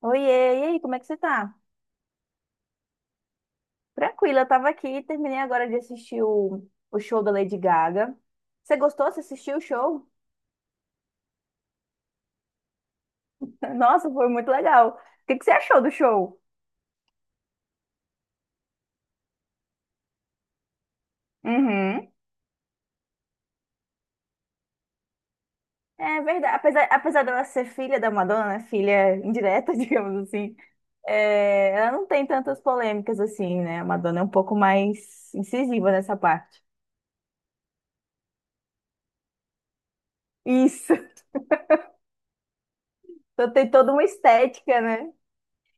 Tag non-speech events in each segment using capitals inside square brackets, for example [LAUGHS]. Oiê, e aí, como é que você tá? Tranquila, eu tava aqui, terminei agora de assistir o show da Lady Gaga. Você gostou? Você assistiu o show? [LAUGHS] Nossa, foi muito legal. O que que você achou do show? Uhum. É verdade, apesar dela ser filha da Madonna, né, filha indireta, [LAUGHS] digamos assim, ela não tem tantas polêmicas assim, né? A Madonna é um pouco mais incisiva nessa parte. Isso, [LAUGHS] então tem toda uma estética, né?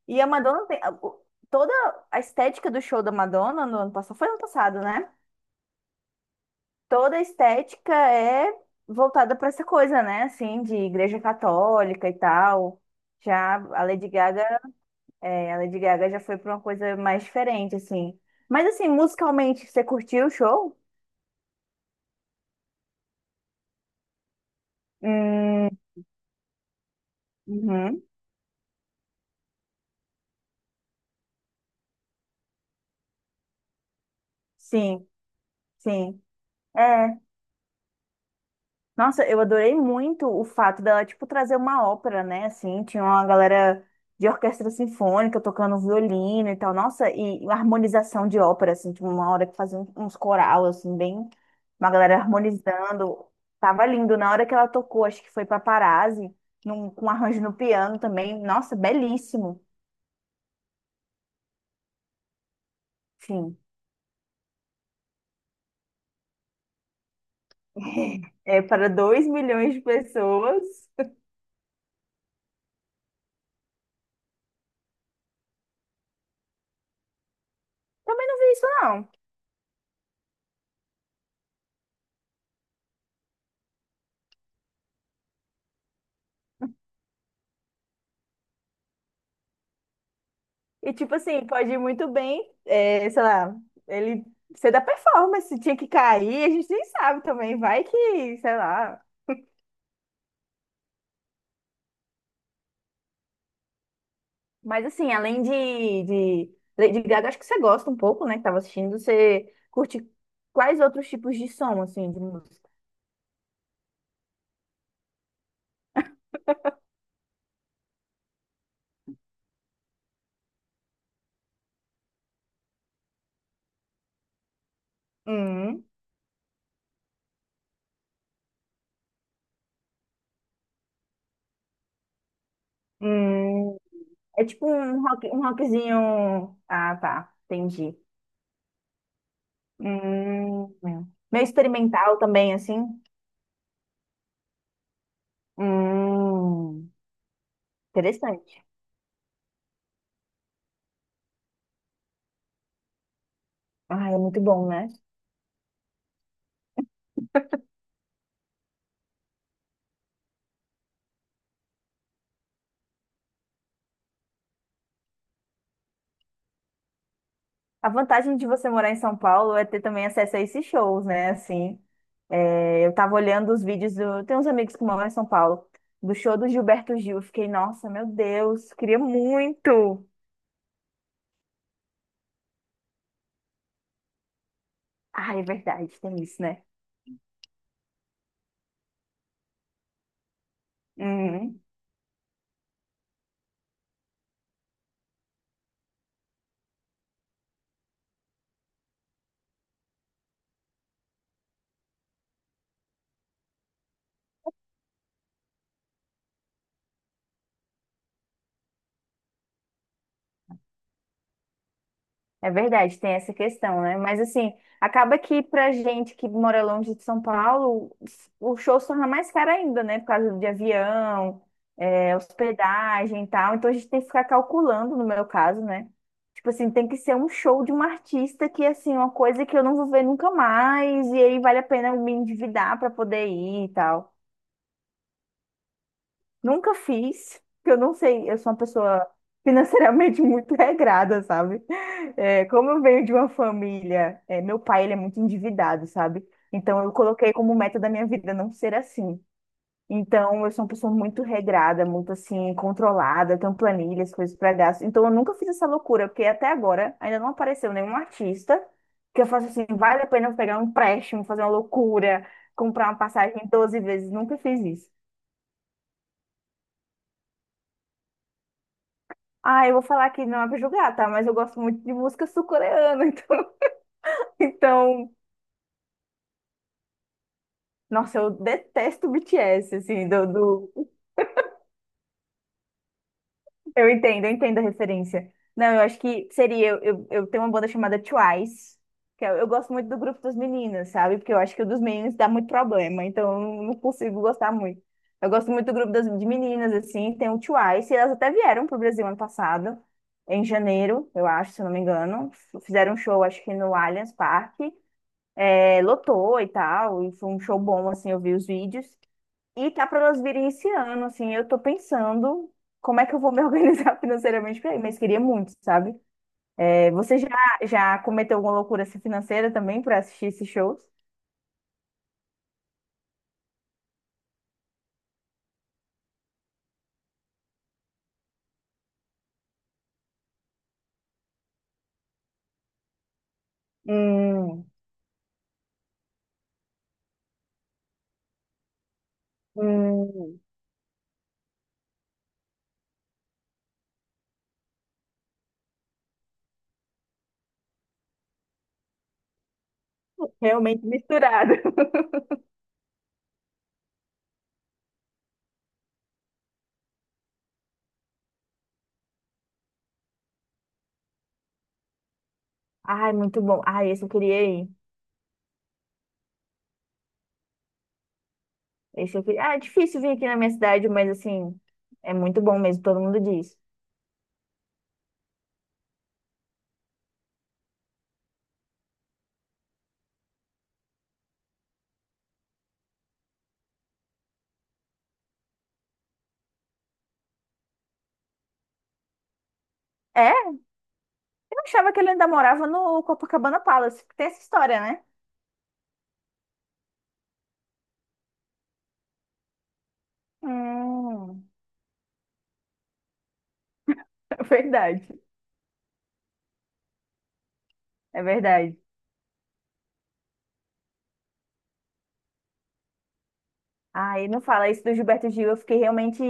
E a Madonna tem. Toda a estética do show da Madonna no ano passado, foi ano passado, né? Toda a estética é voltada para essa coisa, né? Assim, de igreja católica e tal. Já a Lady Gaga, a Lady Gaga já foi para uma coisa mais diferente, assim. Mas assim, musicalmente, você curtiu o show? Hum, uhum, sim, sim. É. Nossa, eu adorei muito o fato dela, tipo, trazer uma ópera, né? Assim, tinha uma galera de orquestra sinfônica tocando violino e tal. Nossa, e harmonização de ópera, assim, tipo, uma hora que fazia uns coral, assim, bem... Uma galera harmonizando. Tava lindo. Na hora que ela tocou, acho que foi Paparazzi, num, com arranjo no piano também. Nossa, belíssimo. Sim. [LAUGHS] É para dois milhões de pessoas. Também não vi isso, não. E tipo assim, pode ir muito bem, sei lá, ele ser da performance, tinha que cair, a gente nem sabe também, vai que, sei lá. Mas assim, além de Lady Gaga, acho que você gosta um pouco, né, que tava assistindo, você curte quais outros tipos de som, assim, de música? Hum, hum, É tipo um rock, um rockzinho. Ah, tá, entendi. Hum, meio experimental também, assim, hum, interessante. Ah, é muito bom, né? A vantagem de você morar em São Paulo é ter também acesso a esses shows, né? Assim, eu tava olhando os vídeos do. Tem uns amigos que moram em São Paulo, do show do Gilberto Gil. Eu fiquei, nossa, meu Deus, queria muito. Ah, é verdade, tem isso, né? Uhum. É verdade, tem essa questão, né? Mas assim, acaba que pra gente que mora longe de São Paulo, o show se torna mais caro ainda, né? Por causa de avião, hospedagem e tal. Então a gente tem que ficar calculando, no meu caso, né? Tipo assim, tem que ser um show de um artista que, assim, uma coisa que eu não vou ver nunca mais, e aí vale a pena eu me endividar pra poder ir e tal. Nunca fiz, porque eu não sei, eu sou uma pessoa financeiramente [LAUGHS] muito regrada, sabe? Como eu venho de uma família, meu pai, ele é muito endividado, sabe? Então eu coloquei como meta da minha vida não ser assim. Então eu sou uma pessoa muito regrada, muito assim, controlada, eu tenho planilhas, coisas para gasto. Então eu nunca fiz essa loucura, porque até agora ainda não apareceu nenhum artista que eu faça assim, vale a pena eu pegar um empréstimo, fazer uma loucura, comprar uma passagem 12 vezes, nunca fiz isso. Ah, eu vou falar que não é pra julgar, tá? Mas eu gosto muito de música sul-coreana, [LAUGHS] então, nossa, eu detesto BTS, assim, eu entendo, eu entendo a referência. Não, eu acho que seria, eu tenho uma banda chamada Twice, que eu gosto muito do grupo das meninas, sabe? Porque eu acho que o dos meninos dá muito problema, então eu não consigo gostar muito. Eu gosto muito do grupo das, de meninas, assim, tem o Twice, e elas até vieram pro Brasil ano passado, em janeiro, eu acho, se eu não me engano. Fizeram um show, acho que no Allianz Parque. Lotou e tal, e foi um show bom, assim, eu vi os vídeos. E tá para nós virem esse ano, assim, eu tô pensando como é que eu vou me [LAUGHS] organizar financeiramente pra ir, mas queria muito, sabe? É, você já, já cometeu alguma loucura assim, financeira também para assistir esses shows? Hum, hum, realmente misturado. [LAUGHS] Ai, muito bom. Ai, esse eu queria ir. Esse eu queria... Ah, é difícil vir aqui na minha cidade, mas assim, é muito bom mesmo, todo mundo diz. É? Achava que ele ainda morava no Copacabana Palace. Tem essa história, né? Hum, [LAUGHS] é verdade. É verdade. Aí não fala isso do Gilberto Gil. Eu fiquei realmente.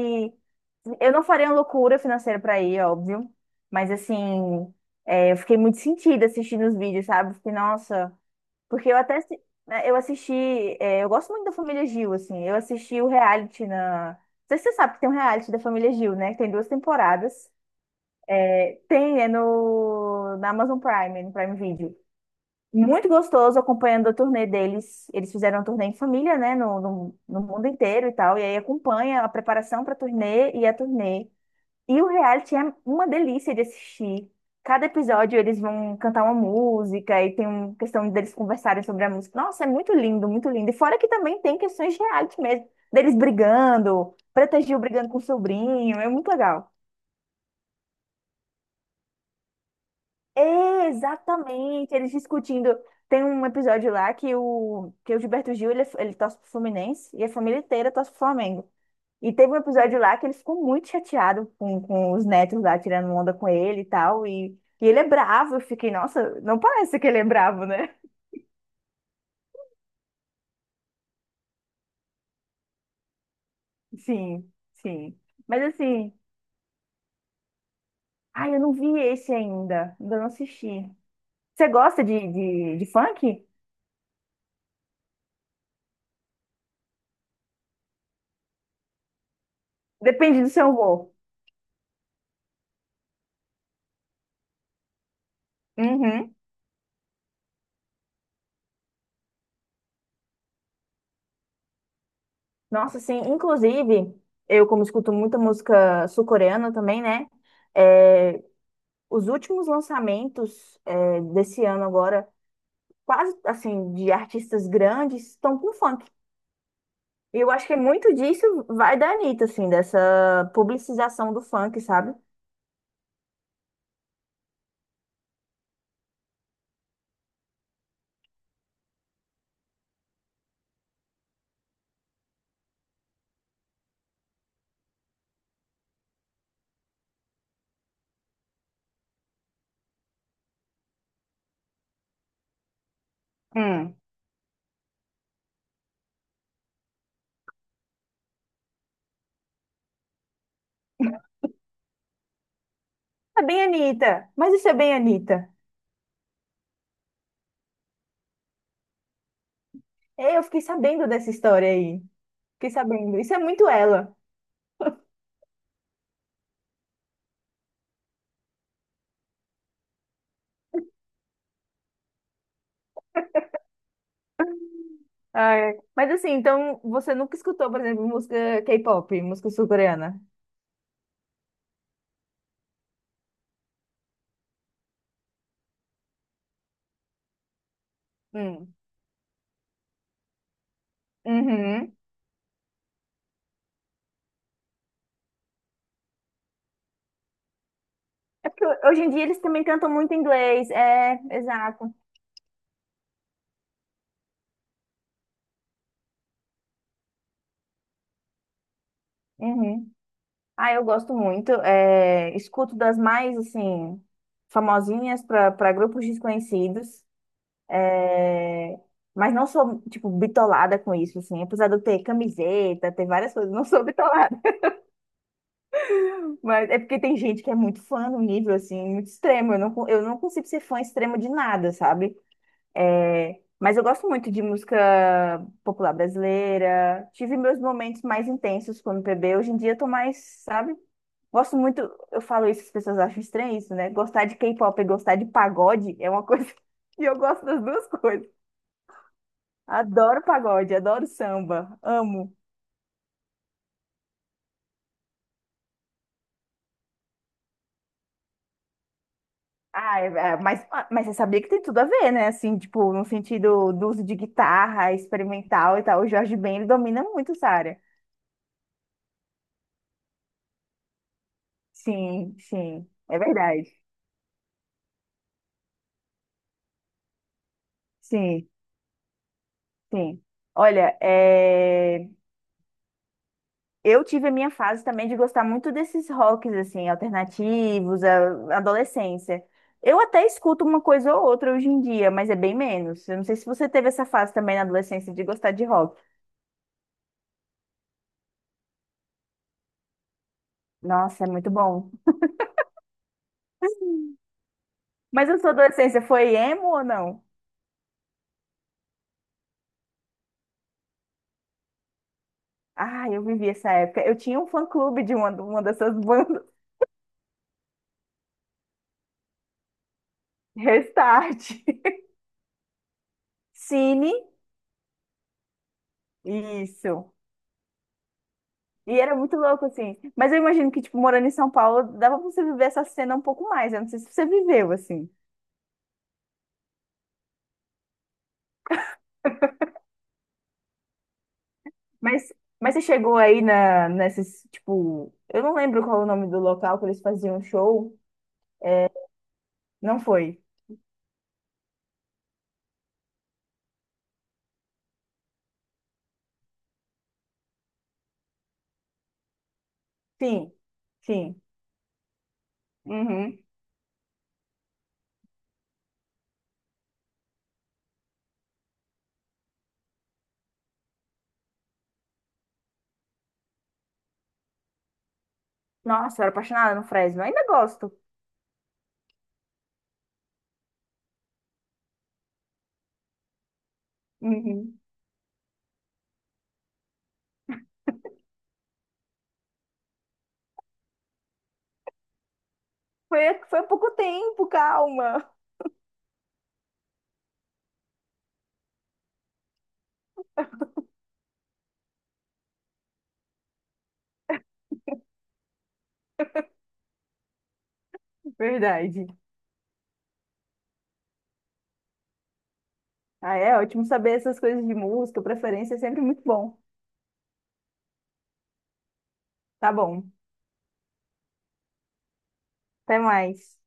Eu não faria uma loucura financeira pra ir, óbvio. Mas assim, eu fiquei muito sentida assistindo os vídeos, sabe? Fiquei, nossa. Porque eu até. Eu assisti. Eu gosto muito da família Gil, assim. Eu assisti o reality na. Não sei se você sabe que tem um reality da família Gil, né? Que tem duas temporadas. Tem, é na Amazon Prime, no Prime Video. Muito gostoso acompanhando a turnê deles. Eles fizeram a turnê em família, né, no mundo inteiro e tal. E aí acompanha a preparação para a turnê. E o reality é uma delícia de assistir. Cada episódio eles vão cantar uma música e tem uma questão deles conversarem sobre a música. Nossa, é muito lindo, muito lindo. E fora que também tem questões de reality mesmo, deles brigando, Preta Gil brigando com o sobrinho. É muito legal. É, exatamente. Eles discutindo. Tem um episódio lá que o Gilberto Gil, ele torce pro Fluminense e a família inteira torce pro Flamengo. E teve um episódio lá que ele ficou muito chateado com os netos lá tirando onda com ele e tal. E ele é bravo. Eu fiquei, nossa, não parece que ele é bravo, né? [LAUGHS] Sim, sim. Mas assim, ai, eu não vi esse ainda. Ainda não assisti. Você gosta de funk? Depende do seu humor. Uhum. Nossa, sim. Inclusive, eu como escuto muita música sul-coreana também, né? É, os últimos lançamentos desse ano agora, quase assim, de artistas grandes, estão com funk. E eu acho que muito disso vai da Anitta, assim, dessa publicização do funk, sabe? Hum. É bem Anitta, mas isso é bem Anitta. Eu fiquei sabendo dessa história aí. Fiquei sabendo. Isso é muito ela. Ah, é. Mas assim, então você nunca escutou, por exemplo, música K-pop, música sul-coreana? Hum. Uhum. É porque hoje em dia eles também cantam muito inglês. É, exato. Uhum. Ah, eu gosto muito. Escuto das mais, assim, famosinhas para grupos desconhecidos. é, Mas não sou, tipo, bitolada com isso, assim. Apesar de eu ter camiseta, ter várias coisas, não sou bitolada. [LAUGHS] Mas é porque tem gente que é muito fã no nível, assim, muito extremo. Eu não, eu não consigo ser fã extremo de nada, sabe? É, mas eu gosto muito de música popular brasileira. Tive meus momentos mais intensos com o MPB. Hoje em dia eu tô mais, sabe? Gosto muito, eu falo isso, as pessoas acham estranho isso, né? Gostar de K-pop e gostar de pagode é uma coisa [LAUGHS] que eu gosto das duas coisas. Adoro pagode, adoro samba, amo. Ah, mas, ah, mas você sabia que tem tudo a ver, né? Assim, tipo, no sentido do uso de guitarra experimental e tal. O Jorge Ben, ele domina muito essa área. Sim, sim, é verdade. Sim, sim. Olha, eu tive a minha fase também de gostar muito desses rocks, assim, alternativos, adolescência. Eu até escuto uma coisa ou outra hoje em dia, mas é bem menos. Eu não sei se você teve essa fase também na adolescência de gostar de rock. Nossa, é muito bom. [LAUGHS] Mas a sua adolescência foi emo ou não? Ah, eu vivi essa época. Eu tinha um fã-clube de uma dessas bandas. [LAUGHS] Restart. [LAUGHS] Cine. Isso. E era muito louco, assim. Mas eu imagino que, tipo, morando em São Paulo, dava pra você viver essa cena um pouco mais. Eu não sei se você viveu, assim. Mas, mas você chegou aí na, nesses, tipo... Eu não lembro qual é o nome do local que eles faziam show. Não foi? Sim. Sim. Uhum. Nossa, eu era apaixonada no Fresno. Ainda gosto. Uhum. Foi, foi há pouco tempo, calma. [LAUGHS] Verdade. Ah, é ótimo saber essas coisas de música, preferência é sempre muito bom. Tá bom. Até mais.